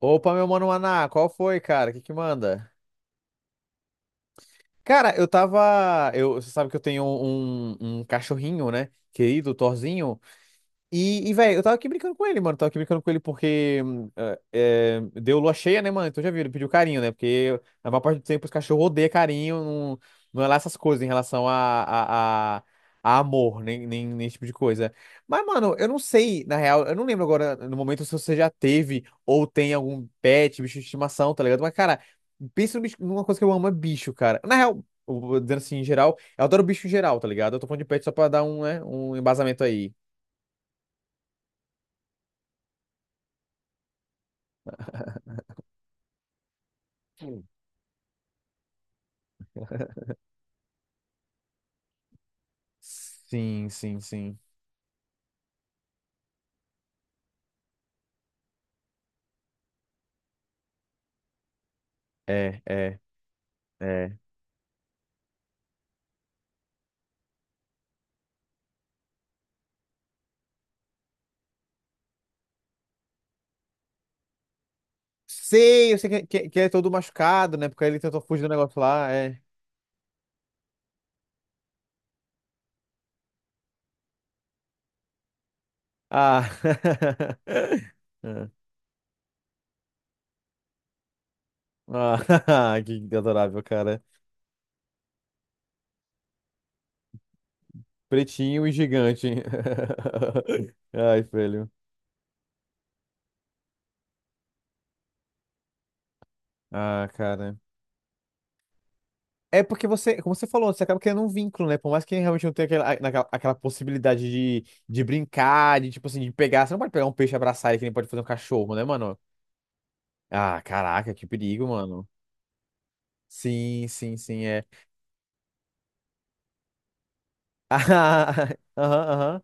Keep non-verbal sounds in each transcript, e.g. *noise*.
Opa, meu mano Maná, qual foi, cara? O que que manda? Cara, eu tava. Eu, você sabe que eu tenho um cachorrinho, né? Querido, Thorzinho. E velho, eu tava aqui brincando com ele, mano. Tava aqui brincando com ele porque deu lua cheia, né, mano? Então já viu, ele pediu carinho, né? Porque a maior parte do tempo os cachorros odeiam carinho, não, não é lá essas coisas em relação a amor, nem esse tipo de coisa. Mas, mano, eu não sei, na real, eu não lembro agora no momento se você já teve ou tem algum pet, bicho de estimação, tá ligado? Mas, cara, pensa no bicho- numa coisa que eu amo, é bicho, cara. Na real, eu vou dizendo assim, em geral, eu adoro bicho em geral, tá ligado? Eu tô falando de pet só pra dar um, né, um embasamento aí. Sim, sim, sim. É, é, é. Sei, eu sei que é todo machucado, né? Porque ele tentou fugir do negócio lá, é. Ah. *laughs* É. Ah, *laughs* que adorável, cara. Pretinho e gigante. *laughs* Ai, velho. Ah, cara. É porque você, como você falou, você acaba criando um vínculo, né? Por mais que realmente não tenha aquela possibilidade de brincar, de tipo assim, de pegar. Você não pode pegar um peixe e abraçar ele que nem pode fazer um cachorro, né, mano? Ah, caraca, que perigo, mano. Sim, sim, sim, é. *laughs* ah. Aham, aham.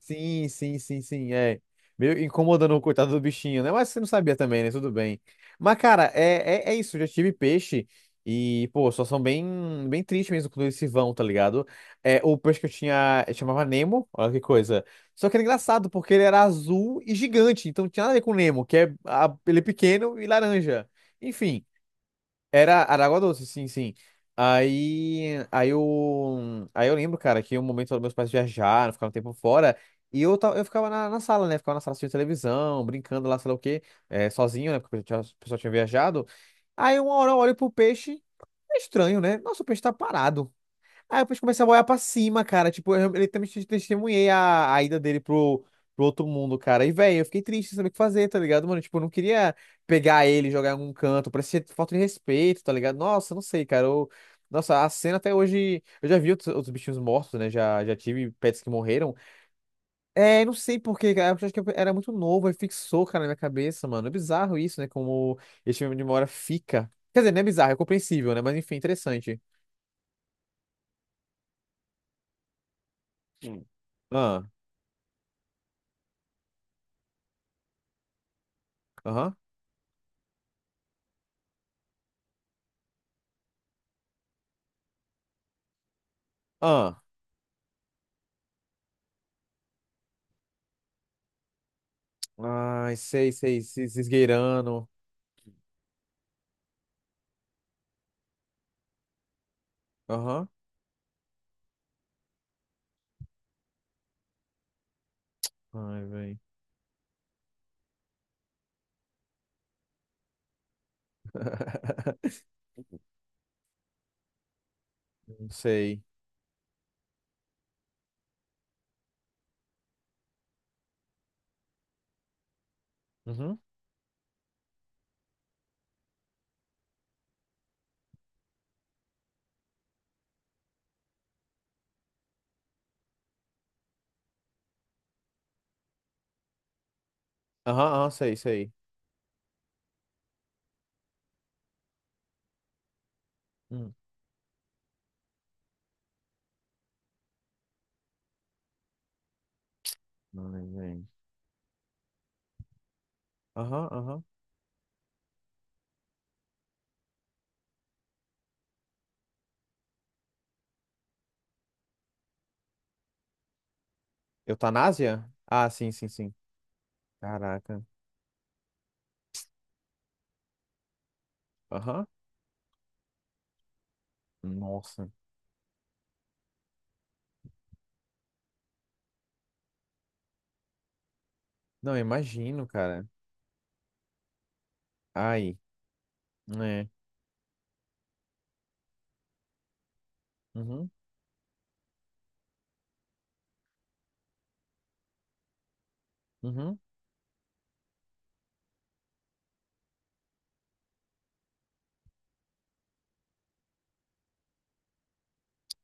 Sim, sim, sim, sim, é. Meio incomodando o coitado do bichinho, né? Mas você não sabia também, né? Tudo bem. Mas, cara, é isso. Eu já tive peixe e, pô, só são bem, bem triste mesmo quando eles se vão, tá ligado? É, o peixe que eu tinha eu chamava Nemo, olha que coisa. Só que era engraçado porque ele era azul e gigante, então não tinha nada a ver com o Nemo, que é, ele é pequeno e laranja. Enfim. Era Aragua Doce, sim, sim. Aí eu lembro, cara, que um momento meus pais viajaram, ficaram um tempo fora, e eu ficava na sala, né? Ficava na sala assistindo televisão, brincando lá, sei lá o quê, sozinho, né? Porque o pessoal tinha viajado. Aí uma hora eu olho pro peixe, é estranho, né? Nossa, o peixe tá parado. Aí depois começa a olhar pra cima, cara. Tipo, eu literalmente testemunhei a ida dele pro outro mundo, cara. E, velho, eu fiquei triste, sem saber o que fazer, tá ligado, mano? Tipo, eu não queria pegar ele, e jogar em algum canto. Parecia falta de respeito, tá ligado? Nossa, não sei, cara. Eu- Nossa, a cena até hoje. Eu já vi outros bichinhos mortos, né? Já tive pets que morreram. É, não sei por quê, cara. Eu acho que eu era muito novo e fixou, cara, na minha cabeça, mano. É bizarro isso, né? Como esse filme de memória fica. Quer dizer, não é bizarro, é compreensível, né? Mas enfim, interessante. Sim. Ah, aham. Ah, ai, sei, sei, se esgueirando. Aham. Ai, velho. *laughs* Não sei. Uhum. Aham, aham, sei, sei. Hum. Ai, velho. Aham, aham. Eutanásia? Ah, sim, sim, sim. Caraca. Aham. Nossa. Não, imagino, cara. Ai. É. Uhum. Uhum.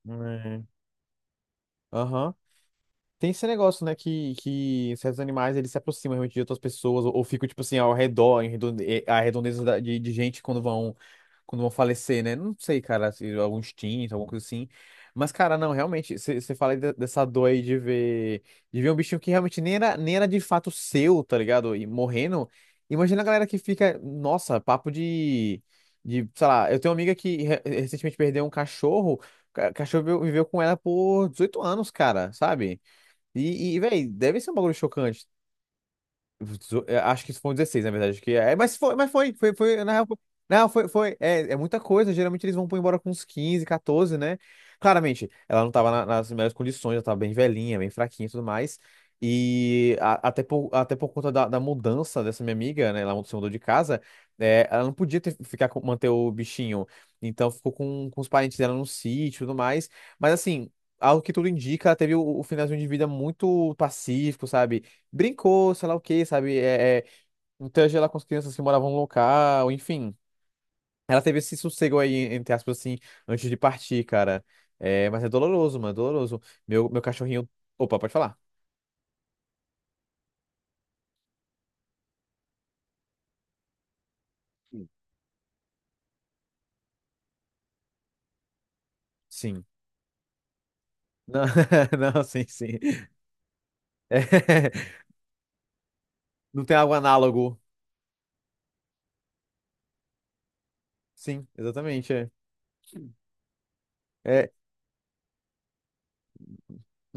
É. Aham. Tem esse negócio, né, que certos animais eles se aproximam realmente de outras pessoas, ou ficam, tipo assim, ao redor, a redondeza de gente quando vão falecer, né? Não sei, cara, se algum instinto, alguma coisa assim. Mas, cara, não, realmente, você fala aí dessa dor aí de ver um bichinho que realmente nem era de fato seu, tá ligado? E morrendo. Imagina a galera que fica, nossa, papo de, sei lá, eu tenho uma amiga que recentemente perdeu um cachorro, o cachorro viveu com ela por 18 anos, cara, sabe? E velho, deve ser um bagulho chocante. Acho que isso foi um 16, na verdade. Que é, mas foi, foi, foi, na real, foi, na foi, foi. É, é muita coisa. Geralmente eles vão pôr embora com uns 15 14, né? Claramente, ela não tava nas melhores condições, ela tava bem velhinha, bem fraquinha e tudo mais. E até por conta da mudança dessa minha amiga, né? Ela se mudou de casa, é, ela não podia ficar manter o bichinho. Então ficou com os parentes dela no sítio e tudo mais. Mas assim, ao que tudo indica, ela teve o finalzinho de vida muito pacífico, sabe? Brincou, sei lá o quê, sabe? Interagiu lá com as crianças que moravam no local, enfim. Ela teve esse sossego aí, entre aspas, assim, antes de partir, cara. É, mas é doloroso, mano, é doloroso. Meu cachorrinho. Opa, pode falar? Sim. Sim. Não, *laughs* não, sim, sim. É, *laughs* não tem algo análogo. Sim, exatamente. É. É,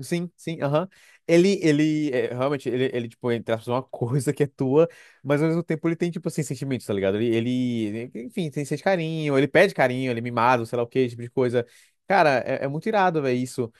sim, sim, aham. Ele, tipo, entre aspas, é uma *laughs* coisa que é tua, mas ao mesmo tempo ele tem, tipo, assim, sentimentos, tá ligado? Ele, enfim, tem sente carinho, ele pede carinho, ele é mimado, sei lá o que, esse tipo de coisa. Cara, é muito irado, velho, isso.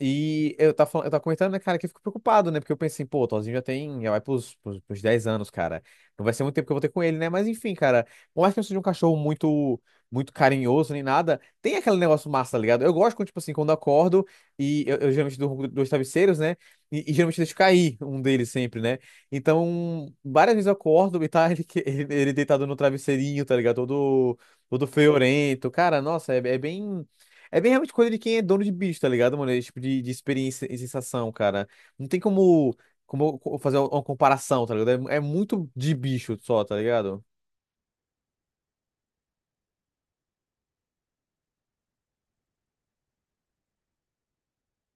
E eu tava, comentando, né, cara, que eu fico preocupado, né? Porque eu pensei, pô, o Thorzinho já tem, já vai pros 10 anos, cara. Não vai ser muito tempo que eu vou ter com ele, né? Mas enfim, cara, por mais que eu seja um cachorro muito, muito carinhoso nem nada, tem aquele negócio massa, tá ligado? Eu gosto quando, tipo assim, quando eu acordo e eu geralmente durmo com 2 travesseiros, né? E geralmente deixo cair um deles sempre, né? Então, várias vezes eu acordo e tá ele, ele deitado no travesseirinho, tá ligado? Todo, todo feorento. Cara, nossa, é bem. É bem realmente coisa de quem é dono de bicho, tá ligado, mano? Esse tipo de experiência e sensação, cara. Não tem como, como eu fazer uma comparação, tá ligado? É, é muito de bicho só, tá ligado?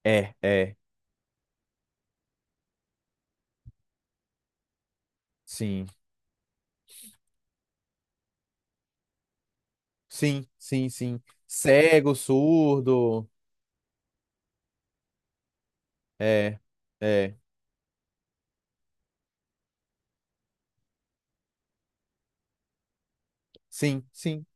É, é. Sim. Sim, sim, sim. Cego, surdo. É, é. Sim, sim.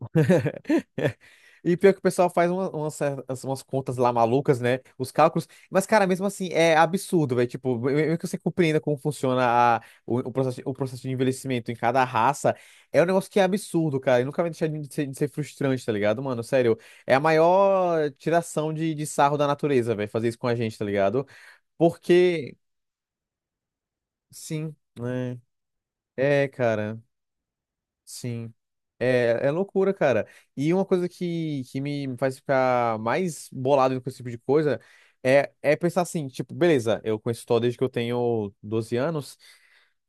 *laughs* E pior que o pessoal faz umas contas lá malucas, né? Os cálculos. Mas, cara, mesmo assim, é absurdo, velho. Tipo, mesmo que você compreenda como funciona o processo de envelhecimento em cada raça, é um negócio que é absurdo, cara. E nunca vai deixar de ser frustrante, tá ligado, mano? Sério, é a maior tiração de sarro da natureza, velho, fazer isso com a gente, tá ligado? Porque, sim, né? É, cara. Sim. É, é loucura, cara. E uma coisa que, me faz ficar mais bolado com esse tipo de coisa é, é pensar assim, tipo, beleza, eu conheço história desde que eu tenho 12 anos.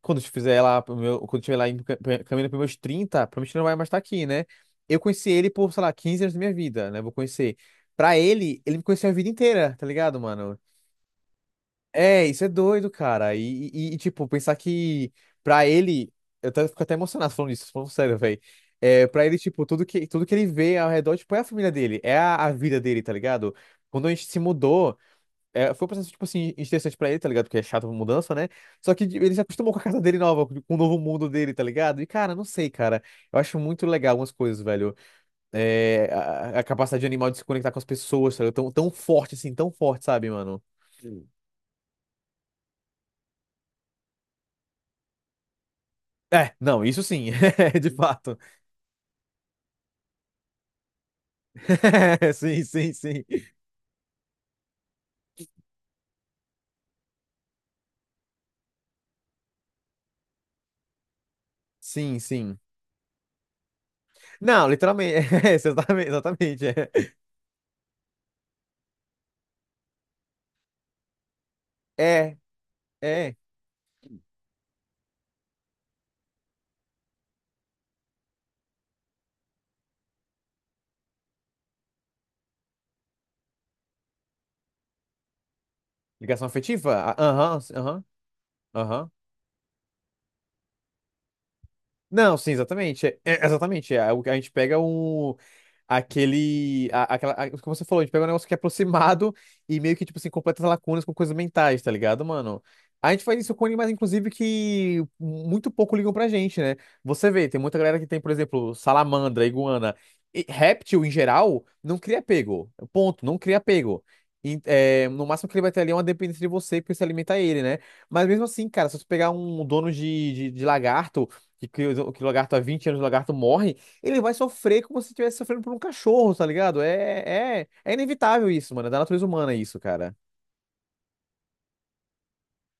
Quando eu fizer lá, pro meu, quando eu estiver lá indo caminhando para meus 30 provavelmente não vai mais estar aqui, né? Eu conheci ele por, sei lá, 15 anos da minha vida, né? Vou conhecer. Pra ele, ele me conheceu a vida inteira, tá ligado, mano? É, isso é doido, cara. E, tipo, pensar que pra ele. Eu até, fico até emocionado falando isso, falando sério, velho. É, pra ele, tipo, tudo que ele vê ao redor, tipo, é a família dele, é a vida dele, tá ligado? Quando a gente se mudou, é, foi um processo, tipo assim, interessante pra ele, tá ligado? Porque é chato a mudança, né? Só que ele se acostumou com a casa dele nova, com o novo mundo dele, tá ligado? E, cara, não sei, cara. Eu acho muito legal algumas coisas, velho. É, a capacidade de animal de se conectar com as pessoas, tá ligado? Tão, tão forte, assim, tão forte, sabe, mano? É, não, isso sim, *laughs* de fato. *laughs* Sim, sim, sim. Sim, sim. Não, literalmente, *laughs* é, exatamente, exatamente. É. É. Ligação afetiva? Ah, aham, aham, aham. Não, sim, exatamente. Exatamente. É, o a gente pega um. Aquele. Como você falou, a gente pega um negócio que é aproximado e meio que, tipo assim, completa as lacunas com coisas mentais, tá ligado, mano? A gente faz isso com animais, inclusive, que muito pouco ligam pra gente, né? Você vê, tem muita galera que tem, por exemplo, salamandra, iguana. E réptil, em geral, não cria apego. Ponto, não cria apego. E, é, no máximo que ele vai ter ali é uma dependência de você, porque você alimenta ele, né? Mas mesmo assim, cara, se você pegar um dono de, de lagarto o que o lagarto há 20 anos, o lagarto morre, ele vai sofrer como se estivesse sofrendo por um cachorro, tá ligado? É inevitável isso, mano. É da natureza humana isso, cara.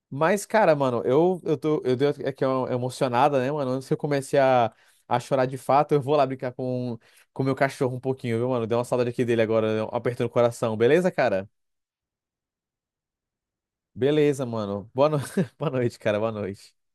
Mas, cara, mano, eu dei aqui uma emocionada, né, mano? Antes que eu comece a chorar de fato, eu vou lá brincar com o meu cachorro um pouquinho, viu, mano? Deu uma saudade aqui dele agora, né? Apertando o coração. Beleza, cara? Beleza, mano. Boa no... *laughs* Boa noite, cara. Boa noite.